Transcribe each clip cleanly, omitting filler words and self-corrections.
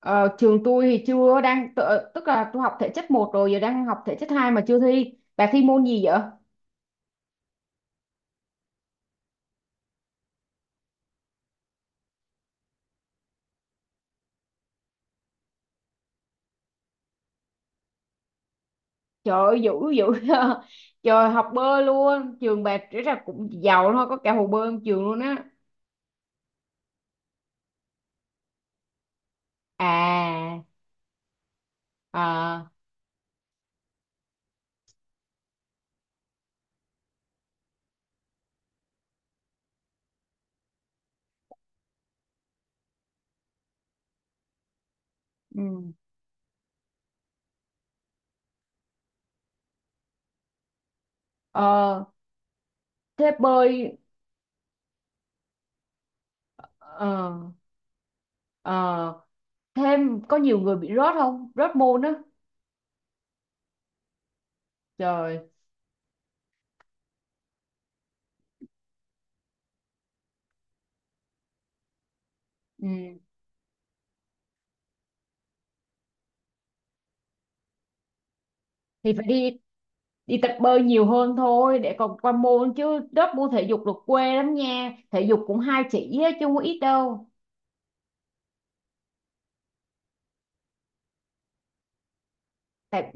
Ờ, trường tôi thì chưa đang tự- tức là tôi học thể chất một rồi giờ đang học thể chất 2 mà chưa thi. Bà thi môn gì vậy? Trời ơi, dữ dữ trời, học bơi luôn? Trường bà rất là cũng giàu thôi, có cả hồ bơi trong trường luôn á. À. À. Ừ. Ờ, thế bơi. Ờ, ờ, thêm có nhiều người bị rớt, không, rớt môn á? Trời. Ừ. Thì phải đi đi tập bơi nhiều hơn thôi để còn qua môn chứ, lớp môn thể dục được quê lắm nha, thể dục cũng hai chỉ á, chứ không có ít đâu. Tại.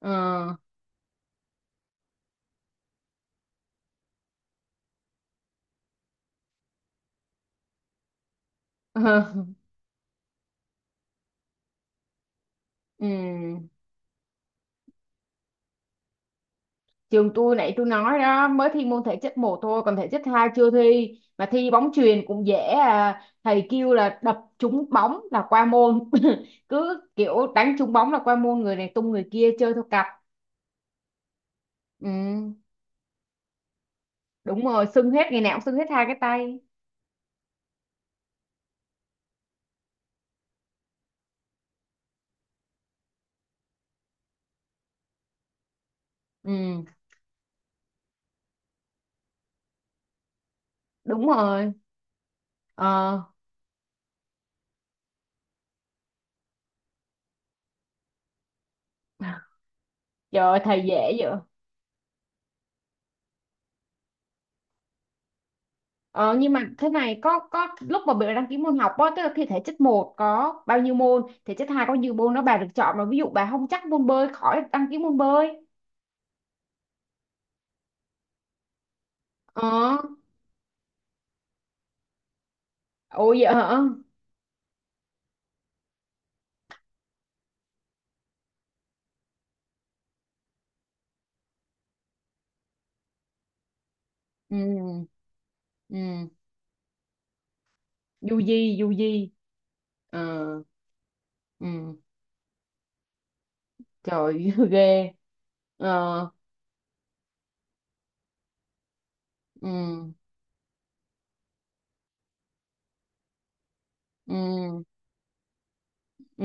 ờ ờ. Ừm. Trường tôi nãy tôi nói đó, mới thi môn thể chất một thôi, còn thể chất hai chưa thi. Mà thi bóng chuyền cũng dễ à. Thầy kêu là đập trúng bóng là qua môn cứ kiểu đánh trúng bóng là qua môn, người này tung người kia chơi theo cặp. Ừ. Đúng rồi, sưng hết, ngày nào cũng sưng hết hai cái tay. Ừ. Đúng rồi. Ờ. Trời ơi, thầy dễ vậy. Ờ, nhưng mà thế này, có lúc mà bà đăng ký môn học á, tức là thi thể chất một có bao nhiêu môn, thể chất 2 có bao nhiêu môn đó, bà được chọn mà. Ví dụ bà không chắc môn bơi, khỏi đăng ký môn bơi. Ờ, ủa vậy hả? Ừ. Ừ. Du di, du di. Ờ. Ừ. Trời ghê. Ờ. Ừ. Ừ. Ừ,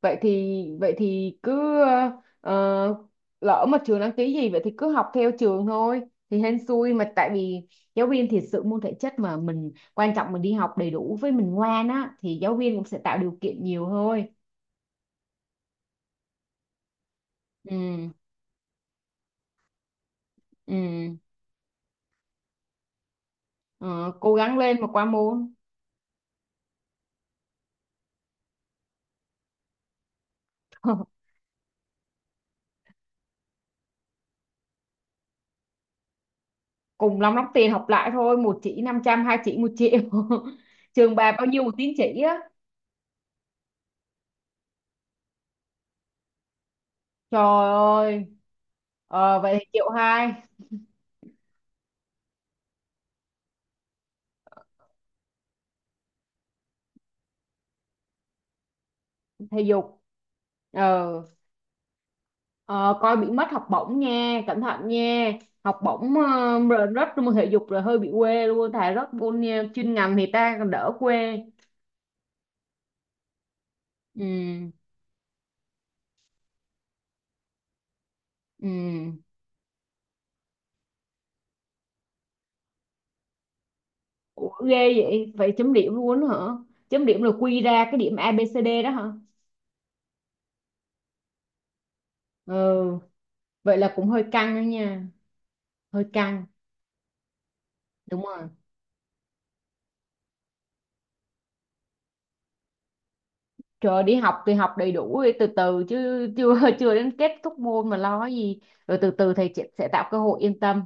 vậy thì cứ ờ, lỡ mà trường đăng ký gì vậy thì cứ học theo trường thôi, thì hên xui. Mà tại vì giáo viên thiệt sự môn thể chất mà mình quan trọng, mình đi học đầy đủ với mình ngoan á thì giáo viên cũng sẽ tạo điều kiện nhiều thôi. Ừ. Ừ. Ờ, cố gắng lên mà qua môn. Cùng lắm lắm tiền học lại thôi, một chỉ năm trăm, hai chỉ một triệu. Trường bà bao nhiêu một tín chỉ á? Trời ơi. Ờ, vậy thì triệu hai. Thể dục. Ờ. Ờ, coi bị mất học bổng nha, cẩn thận nha. Học bổng, rồi rớt môn thể dục rồi hơi bị quê luôn, thà rớt môn chuyên ngành thì ta còn đỡ quê. Ừ. Ừ. Ủa, ghê vậy, vậy chấm điểm luôn đó hả? Chấm điểm là quy ra cái điểm A, ABCD đó hả? Ừ, vậy là cũng hơi căng đó nha. Hơi căng. Đúng rồi. Trời, đi học thì học đầy đủ đi, từ từ chứ, chưa chưa đến kết thúc môn mà lo cái gì. Rồi từ từ thầy chị sẽ tạo cơ hội, yên tâm,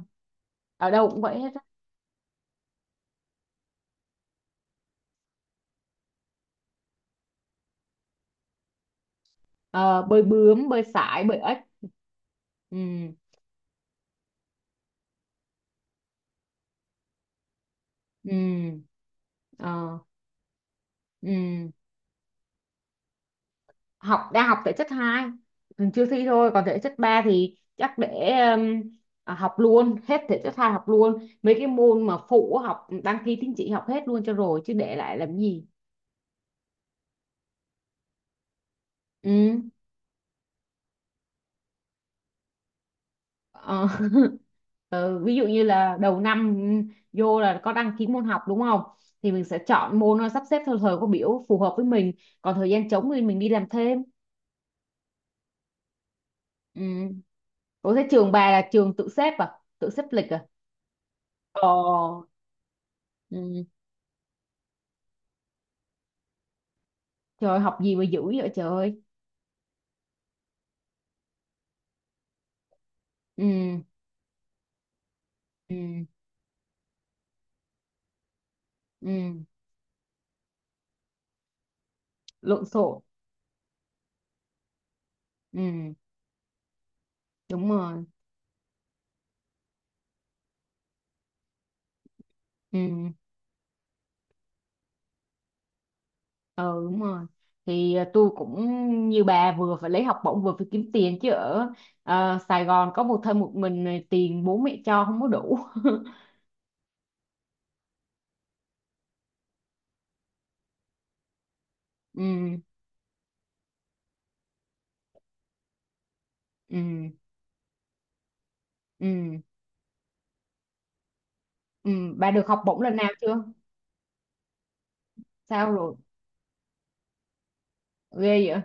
ở đâu cũng vậy hết. Ờ, bơi bướm, bơi sải, bơi ếch. Ừ. Ừ. Ờ. Ừ. Học, đang học thể chất hai, mình chưa thi thôi. Còn thể chất 3 thì chắc để um, à, học luôn hết thể chất hai, học luôn mấy cái môn mà phụ á, học đăng ký tín chỉ học hết luôn cho rồi chứ để lại làm gì. Ừ. Ờ. Ờ, ví dụ như là đầu năm, ừ, vô là có đăng ký môn học đúng không, thì mình sẽ chọn môn, nó sắp xếp theo thời khóa biểu phù hợp với mình. Còn thời gian trống thì mình đi làm thêm. Ừ. Ủa thế trường bà là trường tự xếp à? Tự xếp lịch à? Ờ. Ừ. Trời ơi, học gì mà dữ vậy trời ơi. Ừ. Ừ. Ừ, lộn xộn. Ừ, đúng rồi. Ừ, ờ đúng rồi. Thì à, tôi cũng như bà, vừa phải lấy học bổng vừa phải kiếm tiền chứ ở Sài Gòn có một thân một mình này, tiền bố mẹ cho không có đủ. Ừ. Ừ. Ừ. Ừ. Bà được học bổng lần nào chưa? Sao rồi? Ghê vậy?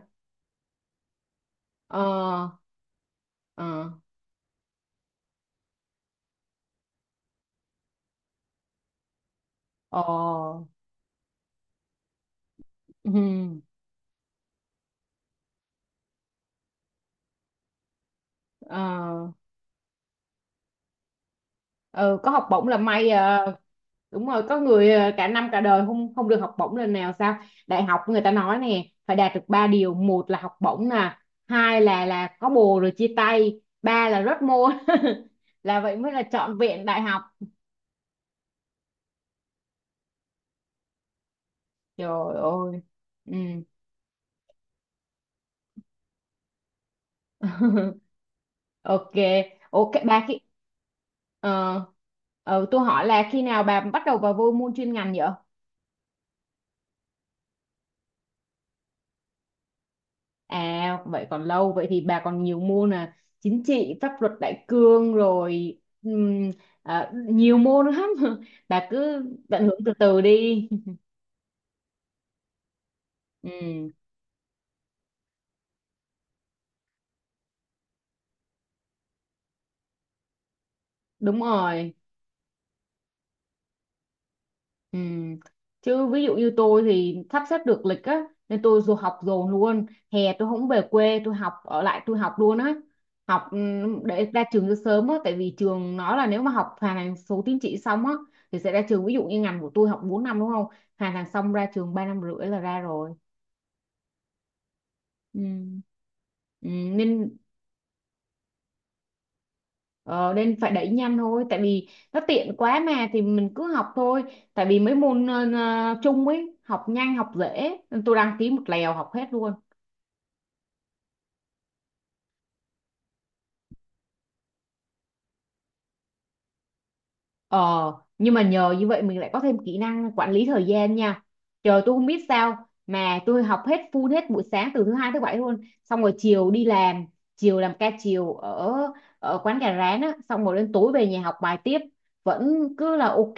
Ờ. Ờ. Ờ. Ừ. Ờ, ừ, có học bổng là may. Ờ, đúng rồi, có người cả năm cả đời không không được học bổng lần nào sao. Đại học người ta nói nè, phải đạt được ba điều: một là học bổng nè, hai là có bồ rồi chia tay, ba là rớt môn là vậy mới là trọn vẹn đại học. Trời ơi. Ừ. Ok. Ok bà, khi ờ, tôi hỏi là khi nào bà bắt đầu vô môn chuyên ngành vậy. À vậy còn lâu, vậy thì bà còn nhiều môn là chính trị, pháp luật đại cương rồi, à, nhiều môn lắm bà cứ tận hưởng từ từ đi. Ừ, đúng rồi. Ừ. Chứ ví dụ như tôi thì sắp xếp được lịch á nên tôi dù học dồn luôn, hè tôi không về quê, tôi học ở lại, tôi học luôn á. Học để ra trường cho sớm á, tại vì trường nói là nếu mà học hoàn thành số tín chỉ xong á thì sẽ ra trường. Ví dụ như ngành của tôi học 4 năm đúng không, hoàn thành xong ra trường 3 năm rưỡi là ra rồi. Ừ. Ừ, nên. Ờ, nên phải đẩy nhanh thôi, tại vì nó tiện quá mà, thì mình cứ học thôi. Tại vì mấy môn chung ấy học nhanh, học dễ, tôi đăng ký một lèo học hết luôn. Ờ, nhưng mà nhờ như vậy mình lại có thêm kỹ năng quản lý thời gian nha. Trời, tôi không biết sao mà tôi học hết full hết buổi sáng từ thứ hai tới bảy luôn, xong rồi chiều đi làm, chiều làm ca chiều ở ở quán gà rán á, xong rồi đến tối về nhà học bài tiếp, vẫn cứ là ok.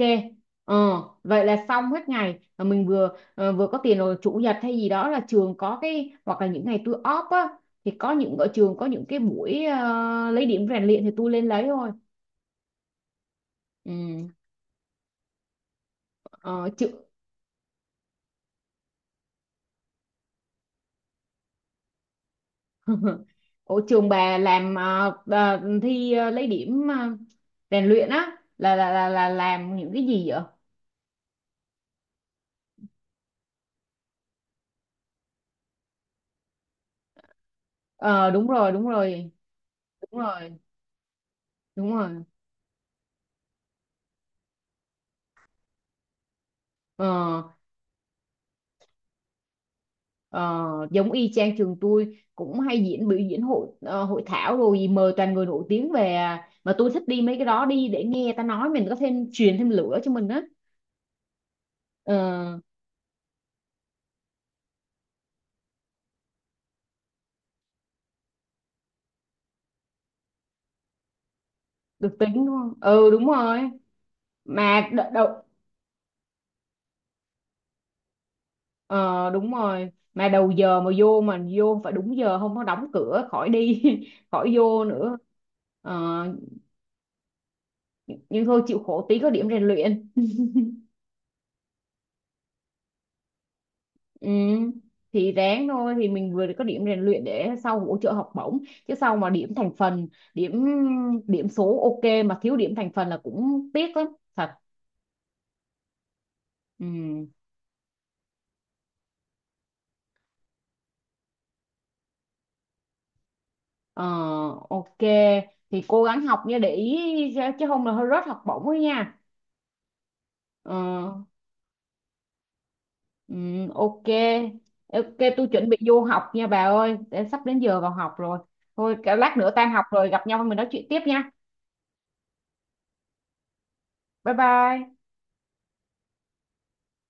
Ờ, vậy là xong hết ngày mà mình vừa vừa có tiền. Rồi chủ nhật hay gì đó là trường có cái, hoặc là những ngày tôi off á thì có những ở trường có những cái buổi lấy điểm rèn luyện thì tôi lên lấy thôi. Ừ, ờ, chứ Ủa trường bà làm, bà thi, lấy điểm, rèn luyện á là, làm những cái gì vậy? Ờ đúng rồi, đúng rồi, đúng rồi, đúng rồi. Ờ. Ờ, giống y chang, trường tôi cũng hay diễn, biểu diễn hội, hội thảo rồi gì, mời toàn người nổi tiếng về à. Mà tôi thích đi mấy cái đó, đi để nghe ta nói mình có thêm, truyền thêm lửa cho mình á. Ờ, được tính đúng không? Ừ đúng rồi. Mà đợt, ờ đúng rồi, mà đầu giờ mà vô vô phải đúng giờ, không có đóng cửa khỏi đi khỏi vô nữa. Ờ, nhưng thôi chịu khổ tí có điểm rèn luyện. Ừ. Thì ráng thôi, thì mình vừa có điểm rèn luyện để sau hỗ trợ học bổng. Chứ sau mà điểm thành phần, điểm điểm số ok mà thiếu điểm thành phần là cũng tiếc lắm, thật. Ừ. Ờ, ok, thì cố gắng học nha, để ý, chứ không là hơi rớt học bổng ấy nha. Ờ. Ừ, ok. Ok, tôi chuẩn bị vô học nha bà ơi, để sắp đến giờ vào học rồi, thôi cả lát nữa tan học rồi gặp nhau mình nói chuyện tiếp nha. Bye bye.